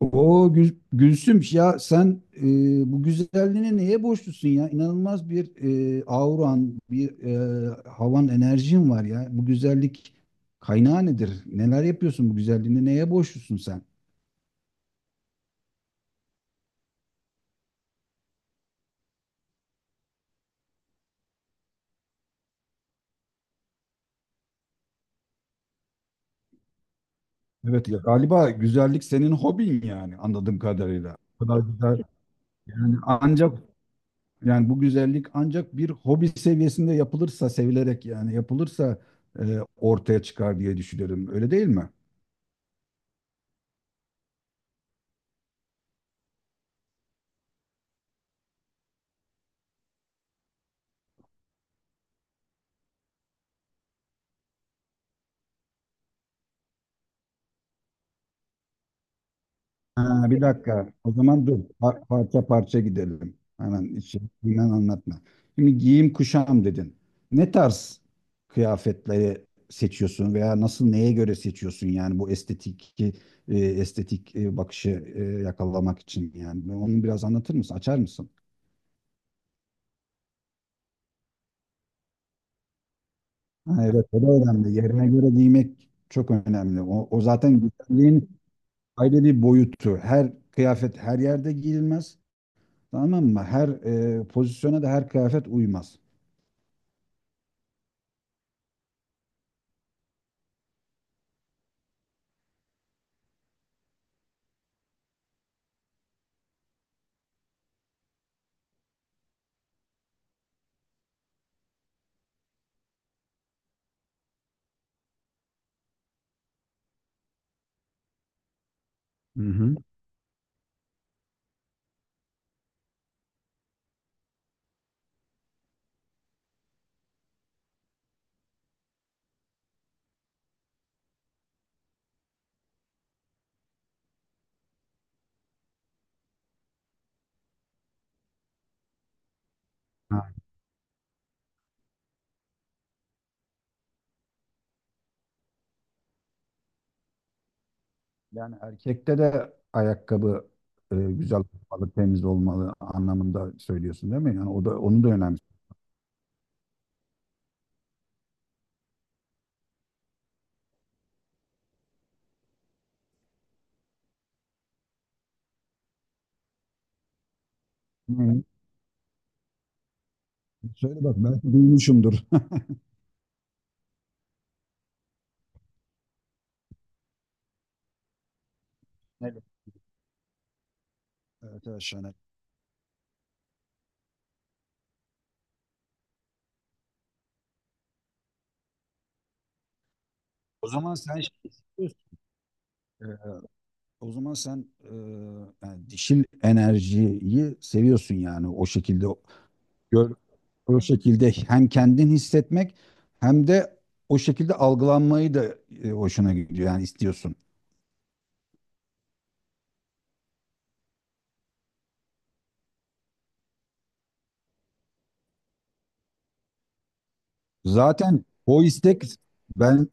O Gülsüm ya sen bu güzelliğine neye borçlusun ya? İnanılmaz bir auran, bir havan, enerjin var ya. Bu güzellik kaynağı nedir? Neler yapıyorsun bu güzelliğine? Neye borçlusun sen? Evet ya galiba güzellik senin hobin yani anladığım kadarıyla. Bu kadar güzel. Yani ancak yani bu güzellik ancak bir hobi seviyesinde yapılırsa sevilerek yani yapılırsa ortaya çıkar diye düşünüyorum. Öyle değil mi? Ha, bir dakika. O zaman dur. Parça parça gidelim. Hemen içinden anlatma. Şimdi giyim kuşam dedin. Ne tarz kıyafetleri seçiyorsun veya nasıl neye göre seçiyorsun yani bu estetik bakışı yakalamak için yani onu biraz anlatır mısın? Açar mısın? Ha, evet o da önemli. Yerine göre giymek çok önemli. O zaten güzelliğin ayrı bir boyutu. Her kıyafet her yerde giyilmez. Tamam mı? Her pozisyona da her kıyafet uymaz. Hı hı. Ha, yani erkekte de ayakkabı güzel olmalı, temiz olmalı anlamında söylüyorsun değil mi? Yani o da onu da önemli. Hı. Söyle bak belki duymuşumdur. Evet, evet, evet, şahane. O zaman sen şey istiyorsun. E, o zaman sen yani dişil enerjiyi seviyorsun yani o şekilde Gör, o şekilde hem kendin hissetmek hem de o şekilde algılanmayı da hoşuna gidiyor yani istiyorsun. Zaten o istek ben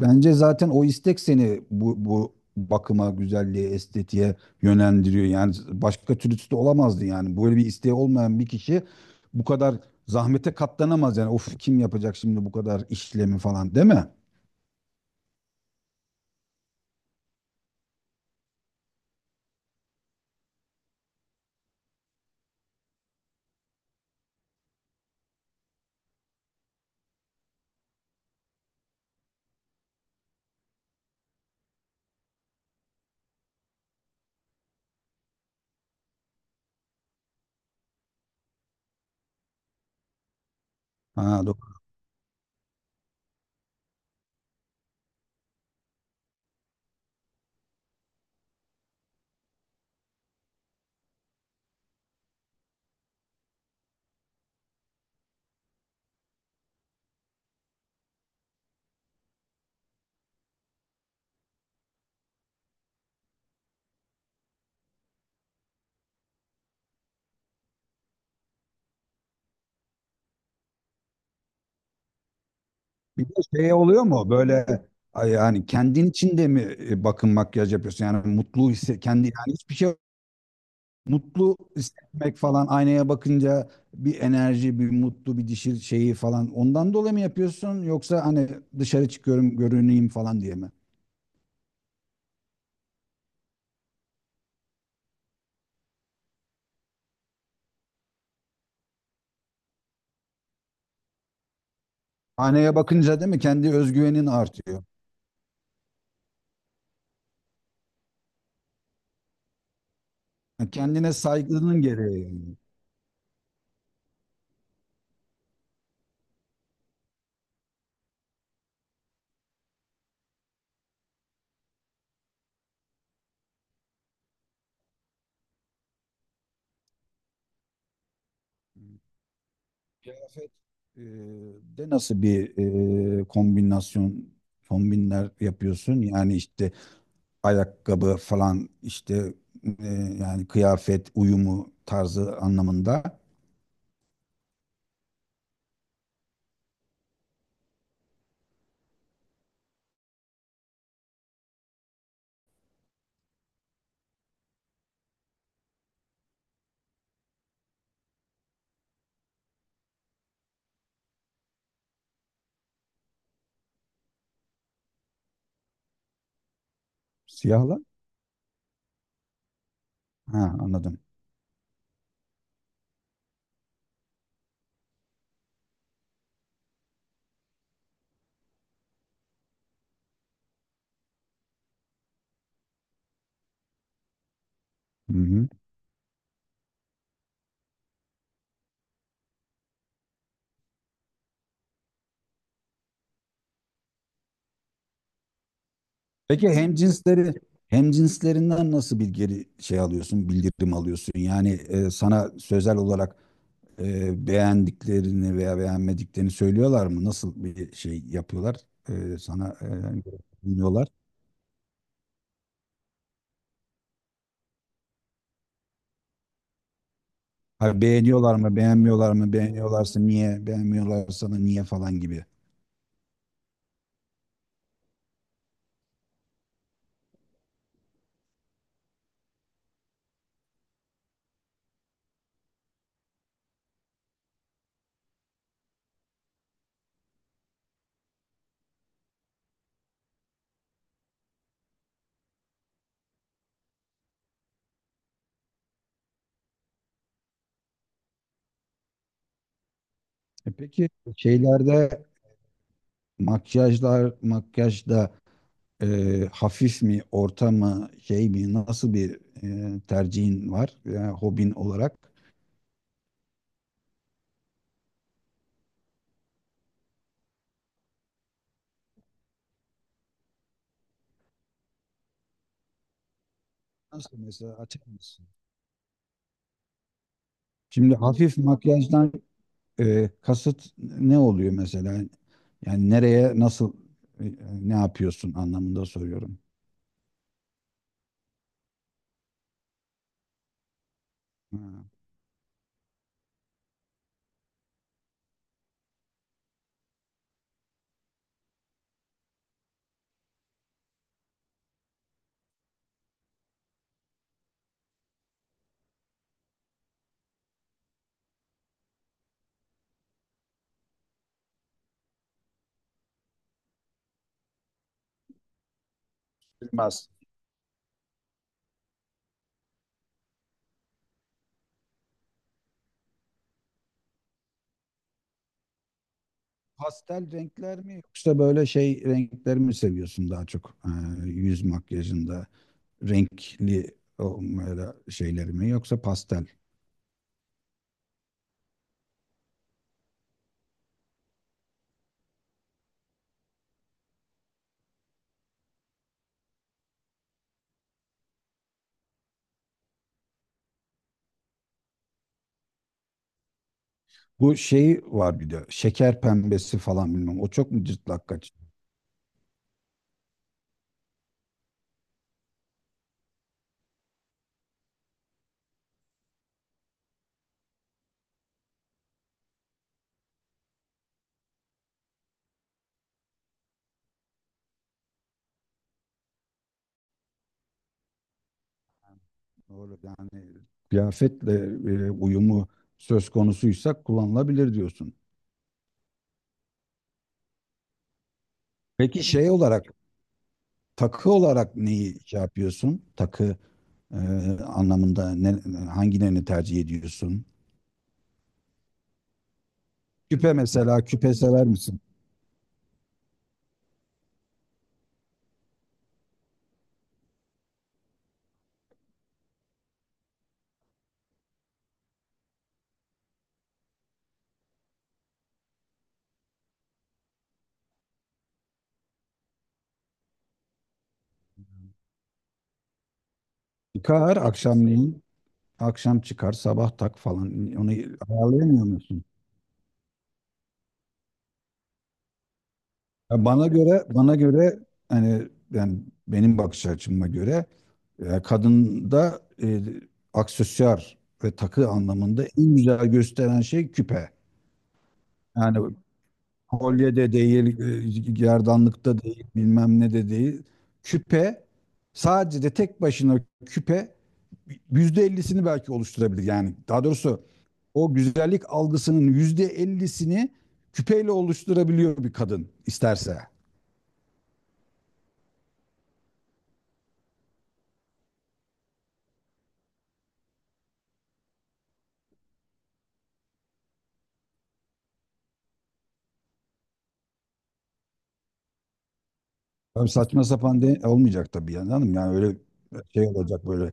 Bence zaten o istek seni bu bakıma, güzelliğe, estetiğe yönlendiriyor. Yani başka türlüsü de olamazdı yani. Böyle bir isteği olmayan bir kişi bu kadar zahmete katlanamaz yani. Of kim yapacak şimdi bu kadar işlemi falan değil mi? Ha, bir de şey oluyor mu böyle ay, yani kendin için de mi bakım makyaj yapıyorsun? Yani mutlu hisse kendi yani hiçbir şey mutlu hissetmek falan aynaya bakınca bir enerji, bir mutlu bir dişil şeyi falan ondan dolayı mı yapıyorsun yoksa hani dışarı çıkıyorum görüneyim falan diye mi? Aynaya bakınca değil mi kendi özgüvenin artıyor. Yani kendine saygının gereği yani. Kıyafet e, de nasıl bir kombinasyon kombinler yapıyorsun? Yani işte ayakkabı falan işte e, yani kıyafet uyumu tarzı anlamında. Siyahla? Ha, anladım. Hı hı. Peki hemcinslerinden nasıl bir geri şey alıyorsun, bildirim alıyorsun? Yani sana sözel olarak beğendiklerini veya beğenmediklerini söylüyorlar mı? Nasıl bir şey yapıyorlar? Sana dinliyorlar. Ha, beğeniyorlar mı, beğenmiyorlar mı? Beğeniyorlarsa niye, beğenmiyorlarsa da niye falan gibi. E peki şeylerde makyajlar, makyajda e, hafif mi, orta mı, şey mi, nasıl bir tercihin var, yani hobin olarak? Nasıl mesela açar mısın? Şimdi hafif makyajdan kasıt ne oluyor mesela? Yani nereye, nasıl, e, ne yapıyorsun anlamında soruyorum. Ha, bilmez. Pastel renkler mi yoksa böyle şey renkleri mi seviyorsun daha çok? Yüz makyajında renkli o, böyle şeyleri mi yoksa pastel? Bu şeyi var bir de şeker pembesi falan bilmem o çok mu cırtlak kaçıyor? Doğru yani kıyafetle uyumu söz konusuysa kullanılabilir diyorsun. Peki şey olarak takı olarak neyi şey yapıyorsun? Takı e, anlamında ne, hangilerini tercih ediyorsun? Küpe mesela küpe sever misin? Çıkar akşamleyin akşam çıkar sabah tak falan onu ayarlayamıyor musun? Ya bana göre hani yani benim bakış açıma göre kadında aksesuar ve takı anlamında en güzel gösteren şey küpe. Yani kolye de değil, gerdanlıkta değil, bilmem ne de değil. Küpe sadece de tek başına küpe %50'sini belki oluşturabilir. Yani daha doğrusu o güzellik algısının %50'sini küpeyle oluşturabiliyor bir kadın isterse. Abi saçma sapan de olmayacak tabii yani hanım. Yani öyle şey olacak böyle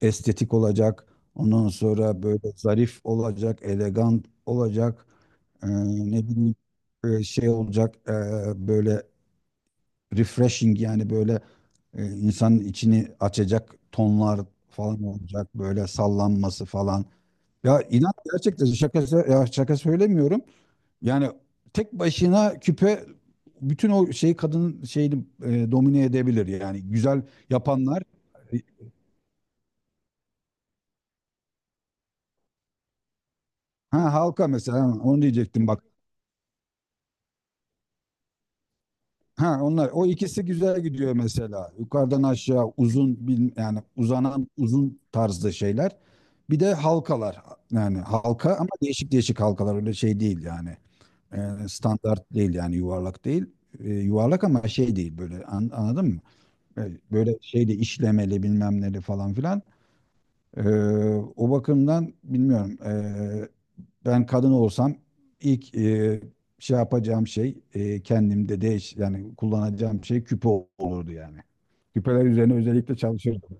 estetik olacak. Ondan sonra böyle zarif olacak, elegant olacak. Ee, ne bileyim şey olacak böyle refreshing yani böyle insanın içini açacak tonlar falan olacak. Böyle sallanması falan. Ya inan gerçekten şaka, ya şaka söylemiyorum. Yani tek başına küpe bütün o şeyi kadının şeyini domine edebilir. Yani güzel yapanlar ha halka mesela ha, onu diyecektim bak. Ha onlar o ikisi güzel gidiyor mesela. Yukarıdan aşağı uzun yani uzanan uzun tarzda şeyler. Bir de halkalar yani halka ama değişik değişik halkalar öyle şey değil yani. E, standart değil yani yuvarlak değil. E, yuvarlak ama şey değil böyle anladın mı? E, böyle şeyde işlemeli bilmem neli falan filan. Ee, o bakımdan bilmiyorum. Ben kadın olsam ilk şey yapacağım şey kendimde yani kullanacağım şey küpe olurdu yani. Küpeler üzerine özellikle çalışırdım.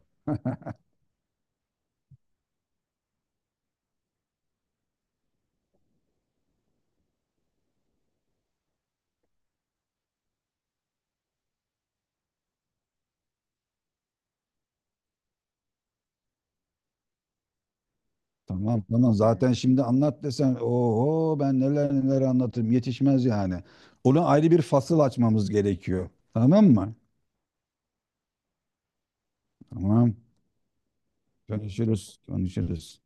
Tamam, tamam, zaten şimdi anlat desen oho ben neler neler anlatırım yetişmez yani. Ona ayrı bir fasıl açmamız gerekiyor. Tamam mı? Tamam. Konuşuruz, konuşuruz.